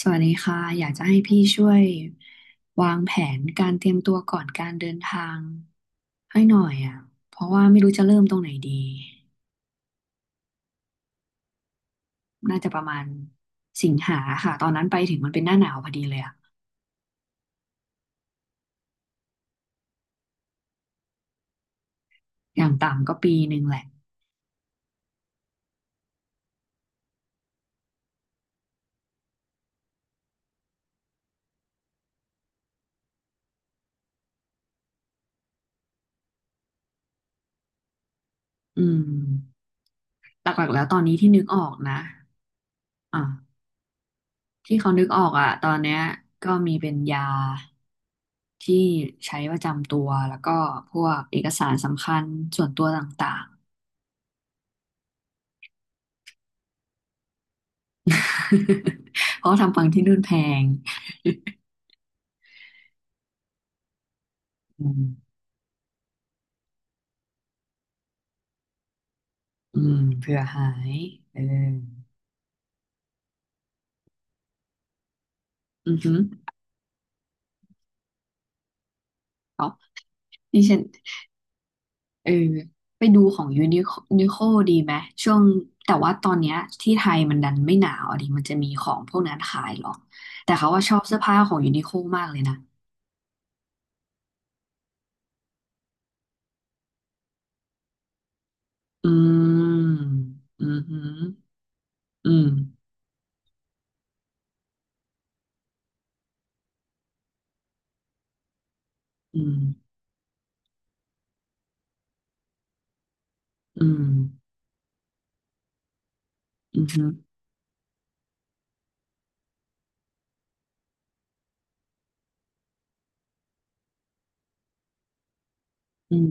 สวัสดีค่ะอยากจะให้พี่ช่วยวางแผนการเตรียมตัวก่อนการเดินทางให้หน่อยอ่ะเพราะว่าไม่รู้จะเริ่มตรงไหนดีน่าจะประมาณสิงหาค่ะตอนนั้นไปถึงมันเป็นหน้าหนาวพอดีเลยอ่ะอย่างต่ำก็ปีหนึ่งแหละอืมหลักๆแล้วตอนนี้ที่นึกออกนะอ่าที่เขานึกออกอ่ะตอนเนี้ยก็มีเป็นยาที่ใช้ประจำตัวแล้วก็พวกเอกสารสำคัญส่วนตัวต่างๆ เพราะว่าทำฟังที่นู่นแพง อืมอืมเผื่อหายเอออือหือนี่ฉันเออไปดูของยูนินิโคดีไหมช่วงแต่ว่าตอนเนี้ยที่ไทยมันดันไม่หนาวอะดิมันจะมีของพวกนั้นขายหรอแต่เขาว่าชอบเสื้อผ้าของยูนิโคมากเลยนะอืมอือหืออืมอืมอืมอือหืออืม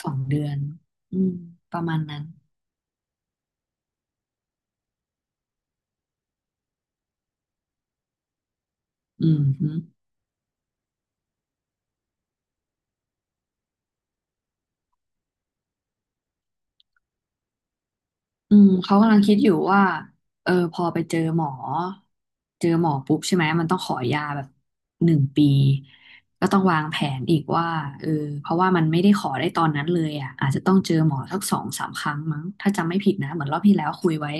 2 เดือนอืมประมาณนั้นอืมหือ อืมเขากำลังคิดอยู่ว่าเออพอไปเจอหมอ เจอหมอปุ๊บใช่ไหมมันต้องขอยาแบบ1 ปี ก็ต้องวางแผนอีกว่าเออเพราะว่ามันไม่ได้ขอได้ตอนนั้นเลยอ่ะ อาจจะต้องเจอหมอสัก2-3 ครั้งมั้ง ถ้าจำไม่ผิดนะ เหมือนรอบที่แล้วคุยไว้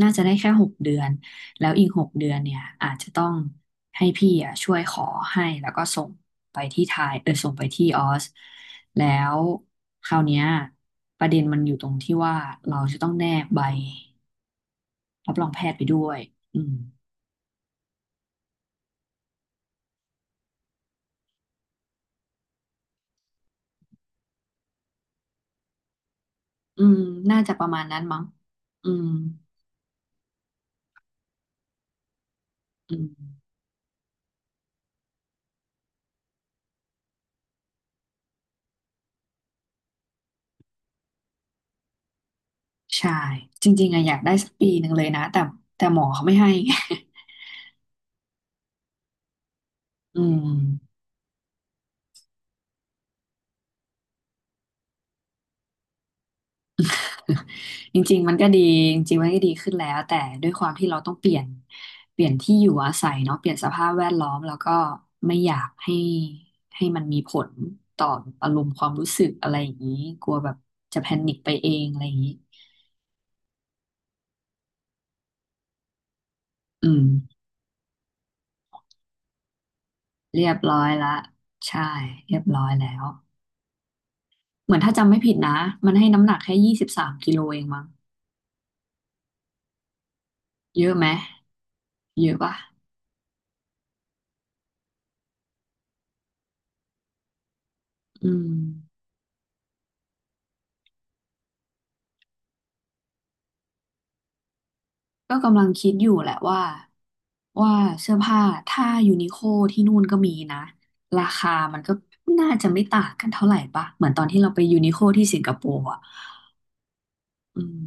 น่าจะได้แค่6 เดือน แล้วอีก6 เดือนเนี่ยอาจจะต้องให้พี่อ่ะช่วยขอให้แล้วก็ส่งไปที่ไทยส่งไปที่ออสแล้วคราวเนี้ยประเด็นมันอยู่ตรงที่ว่าเราจะต้องแนบใบรับรองแพทย์ไปด้วยอืมอืมน่าจะประมาณนั้นมั้งอืมอืมใช่จริงๆอะอยากได้สักปีหนึ่งเลยนะแต่แต่หมอเขาไม่ให้ อืม จริงๆมันก็ดีจริงๆมันก็ดีขึ้นแล้วแต่ด้วยความที่เราต้องเปลี่ยนที่อยู่อาศัยเนาะเปลี่ยนสภาพแวดล้อมแล้วก็ไม่อยากให้มันมีผลต่ออารมณ์ความรู้สึกอะไรอย่างนี้กลัวแบบจะแพนิคไปเองอะไรอย่างนี้อืมเรียบร้อยละใช่เรียบร้อยแล้วเหมือนถ้าจำไม่ผิดนะมันให้น้ำหนักแค่23 กิโลเองมั้งเยอะไหมเยอะป่ะอืม ก็กำลังคิดอยู่แหละว่าว่าเสื้อผ้าถ้ายูนิโคที่นู่นก็มีนะราคามันก็น่าจะไม่ต่างกันเท่าไหร่ปะเหมือนตอนที่เราไปยูนิโคที่สิงคโปร์อ่ะอืม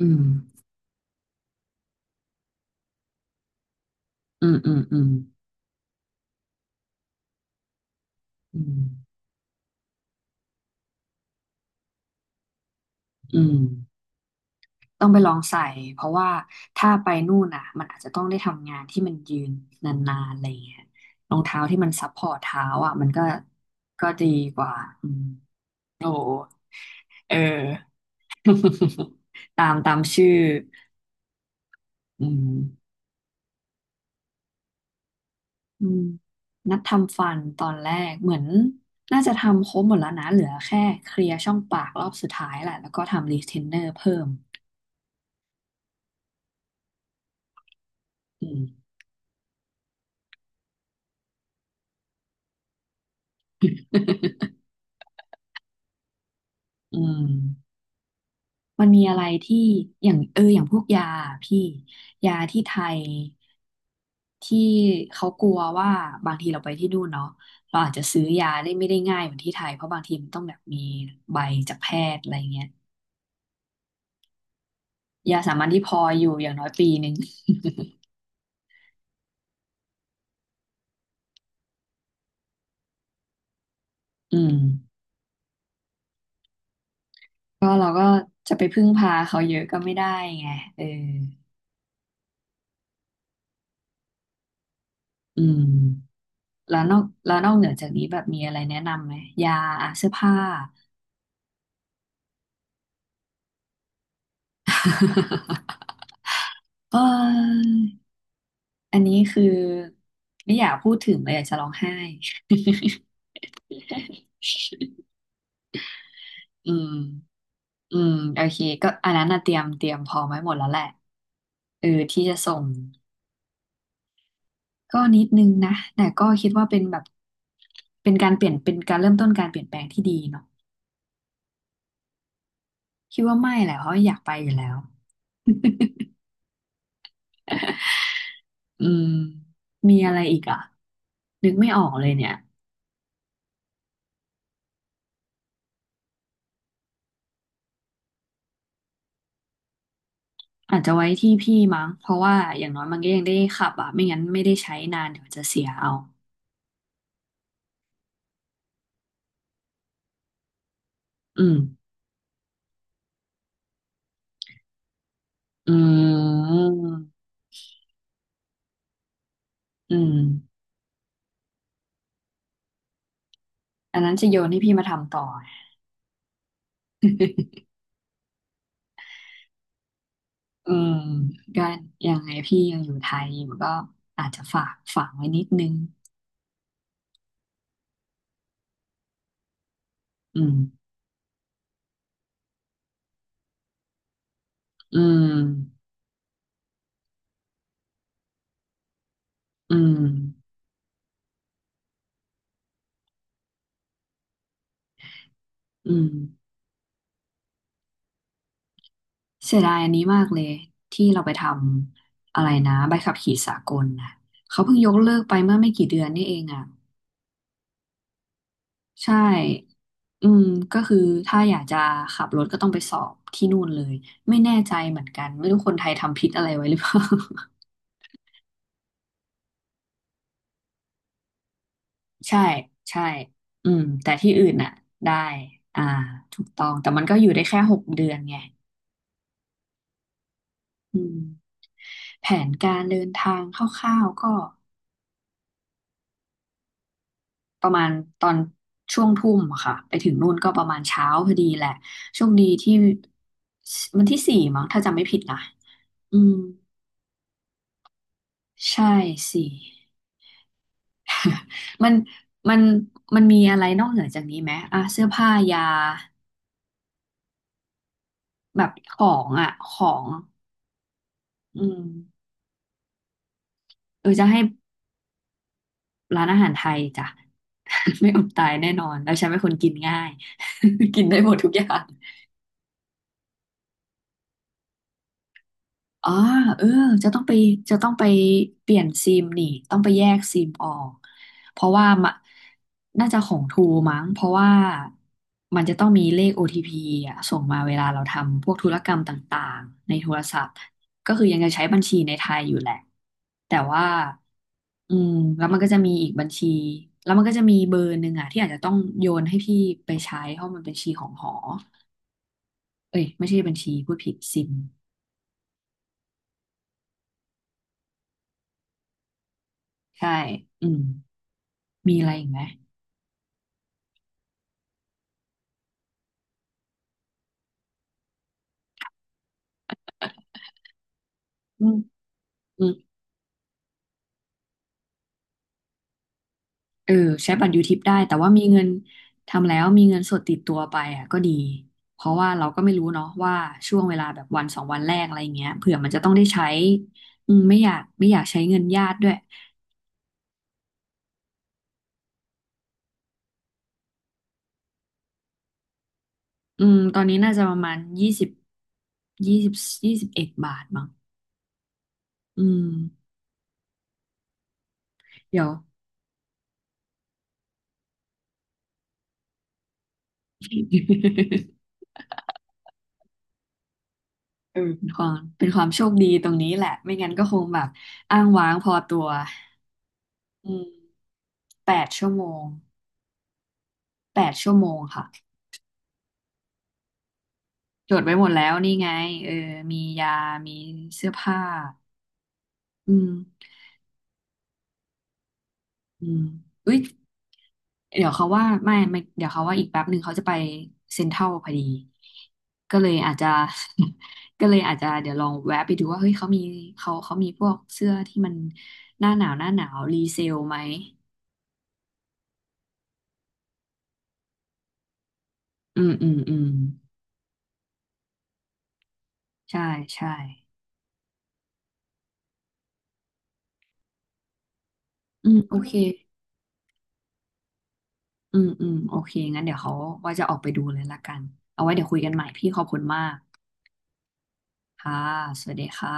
อืมอืมอืมอืมอืมอืมต้องไปลองใส่เพราะว่าถ้าไปนู่นอ่ะมันอาจจะต้องได้ทำงานที่มันยืนนานๆอะไรงเงี้ยรองเท้าที่มันซัพพอร์ตเท้าอ่ะมันก็ก็ดีกว่าอืมเออ ตามชื่ออืม อืมนัดทำฟันตอนแรกเหมือนน่าจะทำครบหมดแล้วนะเหลือแค่เคลียร์ช่องปากรอบสุดท้ายแหละแล้วก็ทำรีเทนเนอร์เพิ่มอืม อืมมันมีอะไรที่อย่างพวกยาพี่ยาที่ไทยที่เขากลัวว่าบางทีเราไปที่นู่นเนาะเราอาจจะซื้อยาไม่ได้ง่ายเหมือนที่ไทยเพราะบางทีมันต้องแบบมีใบจากแพทย์อะไรเงี้ยยาสามัญที่พออยู่อย่างน้อยปีหนึ่งอืม ก็เราก็จะไปพึ่งพาเขาเยอะก็ไม่ได้ไงเอออืมแล้วนอกเหนือจากนี้แบบมีอะไรแนะนำไหมยาอ่ะเสื้อผ้า เอออันนี้คือไม่อยากพูดถึงเลยอยากจะร้องไห้ อืมอืมโอเคก็อันนั้นน่ะเตรียมพร้อมไว้หมดแล้วแหละเออที่จะส่งก็นิดนึงนะแต่ก็คิดว่าเป็นแบบเป็นการเปลี่ยนเป็นการเริ่มต้นการเปลี่ยนแปลงที่ดี คิดว่าไม่แหละเพราะอยากไปอยู่แล้วอืมมีอะไรอีกอ่ะนึกไม่ออกเลยเนี่ยอาจจะไว้ที่พี่มั้งเพราะว่าอย่างน้อยมันก็ยังได้ขับอ่ะไม่งั้นไม่ได้ใช้นานเดี๋ยวจะเสียเอาอืมอืมอืมอันนั้นจะโยนให้พี่มาทำต่ออืมก็ยังไงพี่ยังอยู่ไทยอยู่ก็อาจจะฝากไว้นิดนึงอืมอืมอืมอืม เสียดายอันนี้มากเลยที่เราไปทำอะไรนะใบขับขี่สากลนะเขาเพิ่งยกเลิกไปเมื่อไม่กี่เดือนนี่เองอ่ะใช่อืมก็คือถ้าอยากจะขับรถก็ต้องไปสอบที่นู่นเลยไม่แน่ใจเหมือนกันไม่รู้คนไทยทำผิดอะไรไว้หรือเปล่า ใช่ใช่อืมแต่ที่อื่นน่ะได้อ่าถูกต้องแต่มันก็อยู่ได้แค่หกเดือนไงอืมแผนการเดินทางคร่าวๆก็ ประมาณตอนช่วงทุ่มอะค่ะไปถึงนู่นก็ประมาณเช้าพอดีแหละโชคดีที่วันที่สี่มั้งถ้าจำไม่ผิดนะอืมใช่สี่ มันมันมันมีอะไรนอกเหนือจากนี้ไหมอ่ะเสื้อผ้ายาแบบของอ่ะของอืมเออจะให้ร้านอาหารไทยจ้ะ ไม่อดตายแน่นอนแล้วฉันเป็นคนกินง่าย กินได้หมดทุกอย่าง อ๋อเออจะต้องไปจะต้องไปเปลี่ยนซิมนี่ ต้องไปแยกซิมออก เพราะว่ามะน่าจะของทูมั้งเพราะว่ามันจะต้องมีเลข OTP อทีพีอ่ะส่งมาเวลาเราทำพวกธุรกรรมต่างๆในโทรศัพท์ก็คือยังจะใช้บัญชีในไทยอยู่แหละ แต่ว่าอืมแล้วมันก็จะมีอีกบัญชี แล้วมันก็จะมีเบอร์หนึ่งอ่ะที่อาจจะต้องโยนให้พี่ไปใช้เพราะมันเป็นบัญชีของหอเอ้ยไม่ใช่บัญชีพูดผิดซิมใช่อืม มีอะไรอีกไหมอืมอืมเออใช้บัตรยูทิปได้ แต่ว่ามีเงินทำแล้วมีเงินสดติดตัวไปอ่ะก็ดี เพราะว่าเราก็ไม่รู้เนาะว่าช่วงเวลาแบบวันสองวันแรกอะไรเงี้ยเผื่อมันจะต้องได้ใช้อืมไม่อยากไม่อยากใช้เงินญาติด้วยอืมตอนนี้น่าจะประมาณยี่สิบ21 บาทมั้งอืมเดี๋ยว เออเป็นความโชคดีตรงนี้แหละไม่งั้นก็คงแบบอ้างว้างพอตัวอืมแปดชั่วโมงแปดชั่วโมงค่ะ จดไว้หมดแล้วนี่ไงเออมียามีเสื้อผ้าอืมอืมอุ๊ยเดี๋ยวเขาว่าไม่ไม่เดี๋ยวเขาว่าอีกแป๊บหนึ่งเขาจะไปเซ็นทรัลพอดีก็เลยอาจจะ ก็เลยอาจจะเดี๋ยวลองแวะไปดูว่าเฮ้ยเขามีเขามีพวกเสื้อที่มันหน้าหนาวรีเซลไหมอืมอืมอืมใช่ใช่อืมโอเคอืมอืมโอเคงั้นเดี๋ยวเขาว่าจะออกไปดูเลยละกันเอาไว้เดี๋ยวคุยกันใหม่พี่ขอบคุณมากค่ะสวัสดีค่ะ